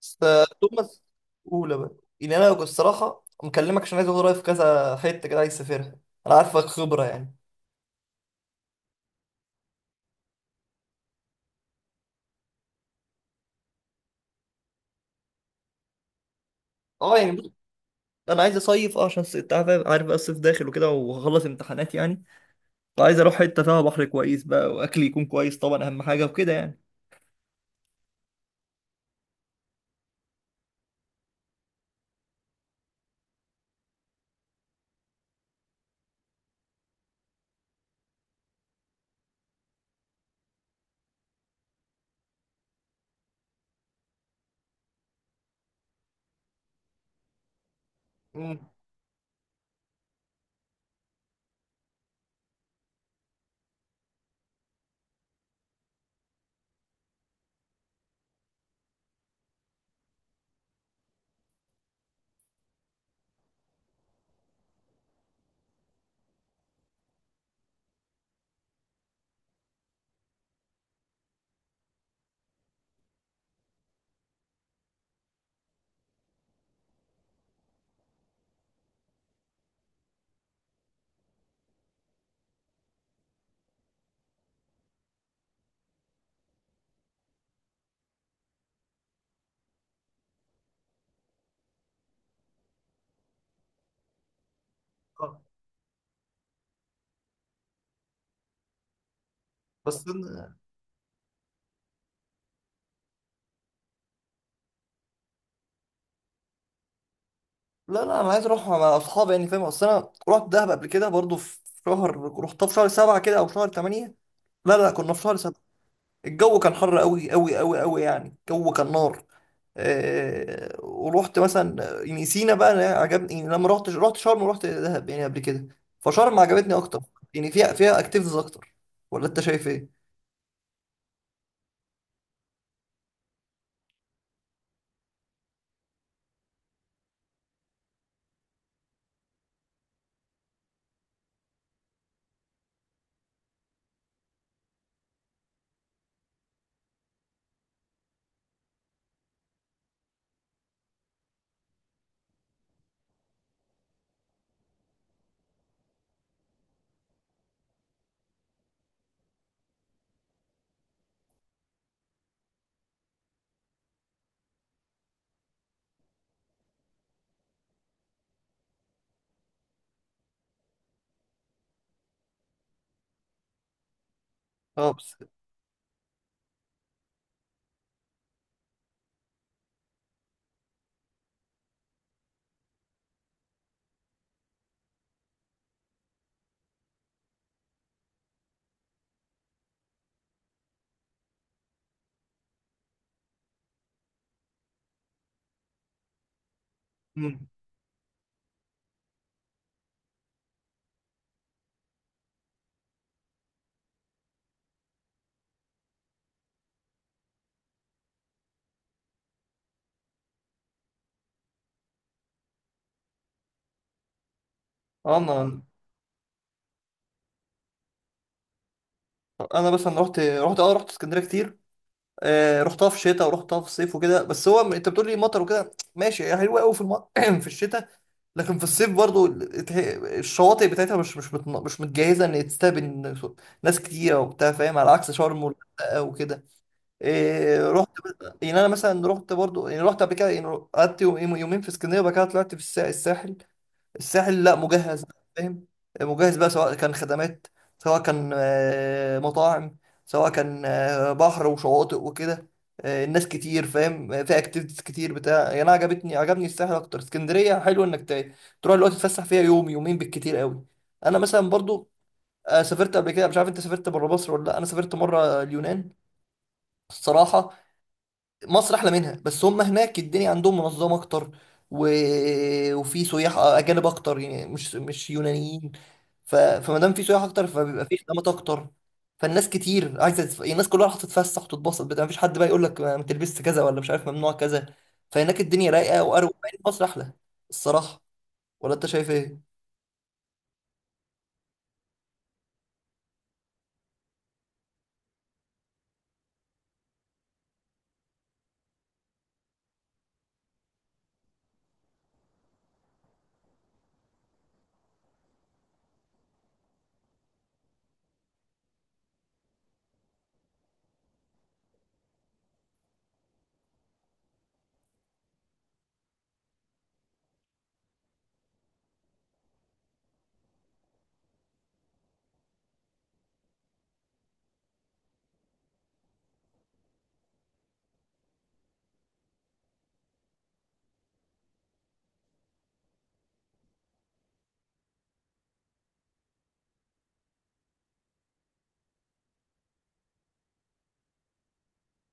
بس توماس، اولى بقى. يعني انا الصراحه مكلمك عشان عايز اخد رايك في كذا حته كده عايز اسافرها. انا عارفك خبره يعني. اه، يعني بص، انا عايز اصيف عشان انت عارف بقى الصيف داخل وكده وهخلص امتحانات يعني. فعايز اروح حته فيها بحر كويس بقى، واكل يكون كويس طبعا، اهم حاجه وكده يعني. امم. آه. بس أنا... لا، لا، انا عايز اروح مع اصحابي، يعني فاهم؟ اصل انا رحت دهب قبل كده برضو في شهر، رحتها في شهر سبعة كده او شهر تمانية. لا، لا، كنا في شهر سبعة. الجو كان حر قوي قوي قوي قوي، يعني الجو كان نار. ورحت مثلا يعني سينا بقى، أنا عجبني، يعني لما رحت شرم ورحت دهب يعني قبل كده. فشرم عجبتني اكتر، يعني فيها اكتيفيتيز اكتر. ولا انت شايف ايه؟ اه، بس. مم. اه، انا، بس انا رحت اسكندريه كتير. رحتها في شتاء ورحتها في صيف وكده، بس هو انت بتقول لي مطر وكده، ماشي، هي حلوه قوي في في الشتاء. لكن في الصيف برضو الشواطئ بتاعتها مش متجهزه ان تستقبل ناس كتيره وبتاع، فاهم، على عكس شرم والغردقه وكده. إيه، رحت. يعني انا مثلا رحت برضو، يعني رحت قبل كده يعني. قعدت يومين في اسكندريه، وبعد كده طلعت في الساحل. الساحل لا مجهز، فاهم. مجهز بقى، سواء كان خدمات، سواء كان مطاعم، سواء كان بحر وشواطئ وكده. الناس كتير، فاهم. في اكتيفيتيز كتير بتاع يعني. انا عجبني الساحل اكتر. اسكندريه حلو انك تروح دلوقتي تتفسح فيها يوم يومين بالكتير قوي. انا مثلا برضو سافرت قبل كده. مش عارف انت سافرت بره مصر ولا لا. انا سافرت مره اليونان الصراحه. مصر احلى منها، بس هم هناك الدنيا عندهم منظمه اكتر، و... وفي سياح اجانب اكتر، يعني مش يونانيين. فما دام في سياح اكتر، فبيبقى في خدمات اكتر. فالناس كتير عايزه يعني الناس كلها راح تتفسح وتتبسط بتاع. مفيش حد بقى يقول لك ما تلبسش كذا، ولا مش عارف ممنوع كذا. فهناك الدنيا رايقه واروق، مع إن مصر احلى الصراحه. ولا انت شايف ايه؟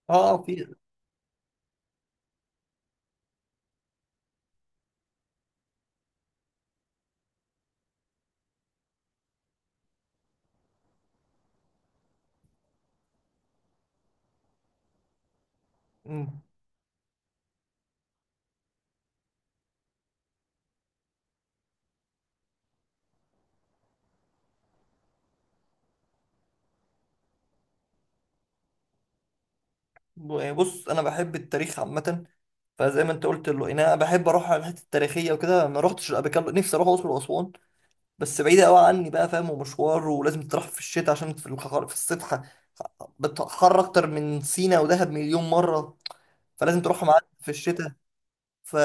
اه. في. مم. بص، انا بحب التاريخ عامه، فزي ما انت قلت له انا بحب اروح على الحته التاريخيه وكده. ما رحتش قبل كده، نفسي اروح الاقصر واسوان، بس بعيدة قوي عني بقى، فاهم، ومشوار. ولازم تروح في الشتاء، عشان في الحر في الصبح بتحر أكتر من سينا ودهب مليون مرة. فلازم تروح معاك في الشتاء. ف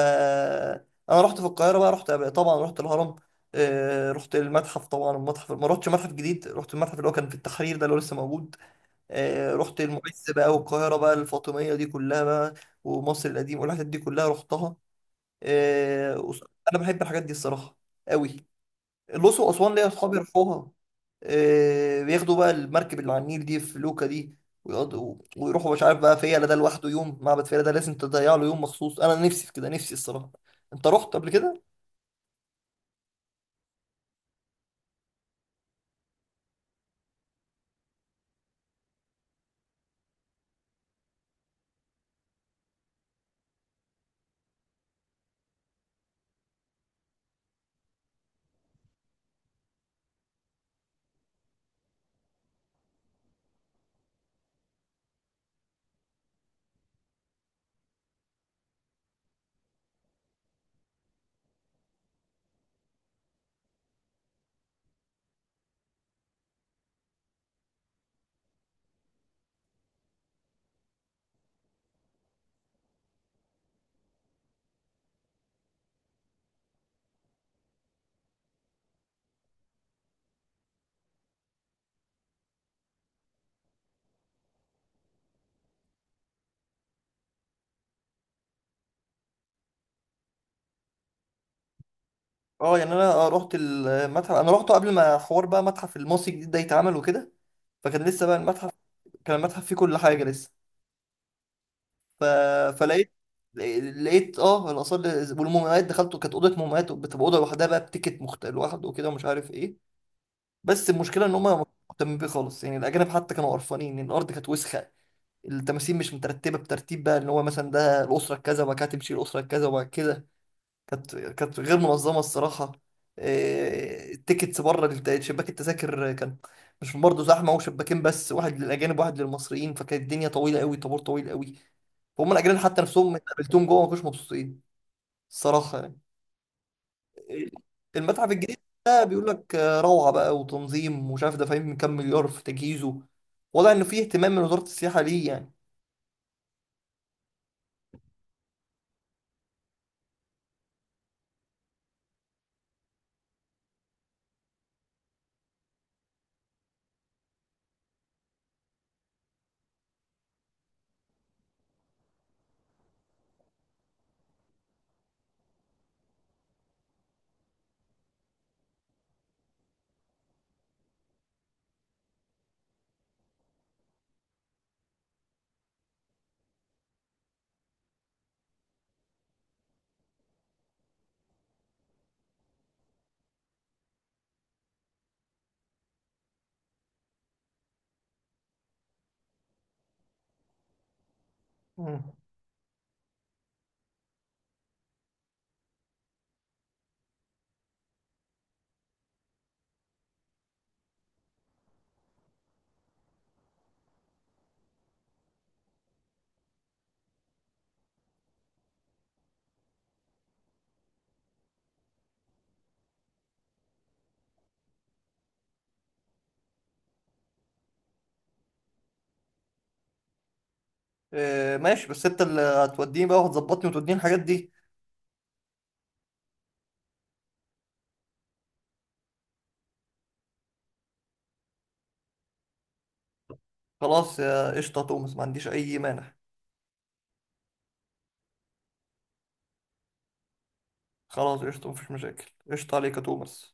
أنا رحت في القاهرة بقى، رحت طبعا، رحت الهرم. رحت المتحف طبعا. المتحف ما رحتش متحف جديد، رحت المتحف اللي هو كان في التحرير ده، اللي هو لسه موجود. رحت المعز بقى، والقاهرة بقى الفاطمية دي كلها بقى، ومصر القديم والحاجات دي كلها رحتها. آه، وص- أنا بحب الحاجات دي الصراحة قوي. الأقصر وأسوان ليا أصحابي يروحوها. بياخدوا بقى المركب اللي على النيل دي في لوكا دي، ويقعدوا ويروحوا مش عارف بقى. فيلة ده لوحده يوم، معبد فيلة ده لازم تضيع له يوم مخصوص. أنا نفسي في كده، نفسي الصراحة. أنت رحت قبل كده؟ أه، يعني أنا رحت المتحف. أنا رحته قبل ما حوار بقى متحف المصري الجديد ده يتعمل وكده، فكان لسه بقى المتحف، كان المتحف فيه كل حاجة لسه. ف... فلقيت لقيت اه الاثار والمومياوات. دخلت، كانت اوضه مومياوات، بتبقى اوضه لوحدها بقى، بتيكت لوحده وكده، ومش عارف ايه. بس المشكله ان هم ما كانوش مهتمين بيه خالص، يعني الاجانب حتى كانوا قرفانين ان الارض كانت وسخه. التماثيل مش مترتبه بترتيب، بقى ان هو مثلا ده الاسره كذا، وبعد كده تمشي الاسره كذا، وبعد كده كانت غير منظمه الصراحه. إيه، التيكتس بره شباك التذاكر كان مش برضه زحمه، وشباكين بس، واحد للاجانب واحد للمصريين، فكانت الدنيا طويله قوي، طابور طويل قوي. فهم الاجانب حتى نفسهم اللي قابلتهم جوه ما كانوش مبسوطين الصراحه يعني. المتحف الجديد ده بيقول لك روعة بقى، وتنظيم، ومش عارف دافعين كام مليار في تجهيزه. واضح إنه فيه اهتمام من وزارة السياحة ليه يعني. مم. ماشي، بس أنت اللي هتوديني بقى وهتظبطني وتوديني الحاجات دي. خلاص يا قشطة يا توماس، ما عنديش أي مانع. خلاص، قشطة، مفيش مشاكل، قشطة عليك يا توماس.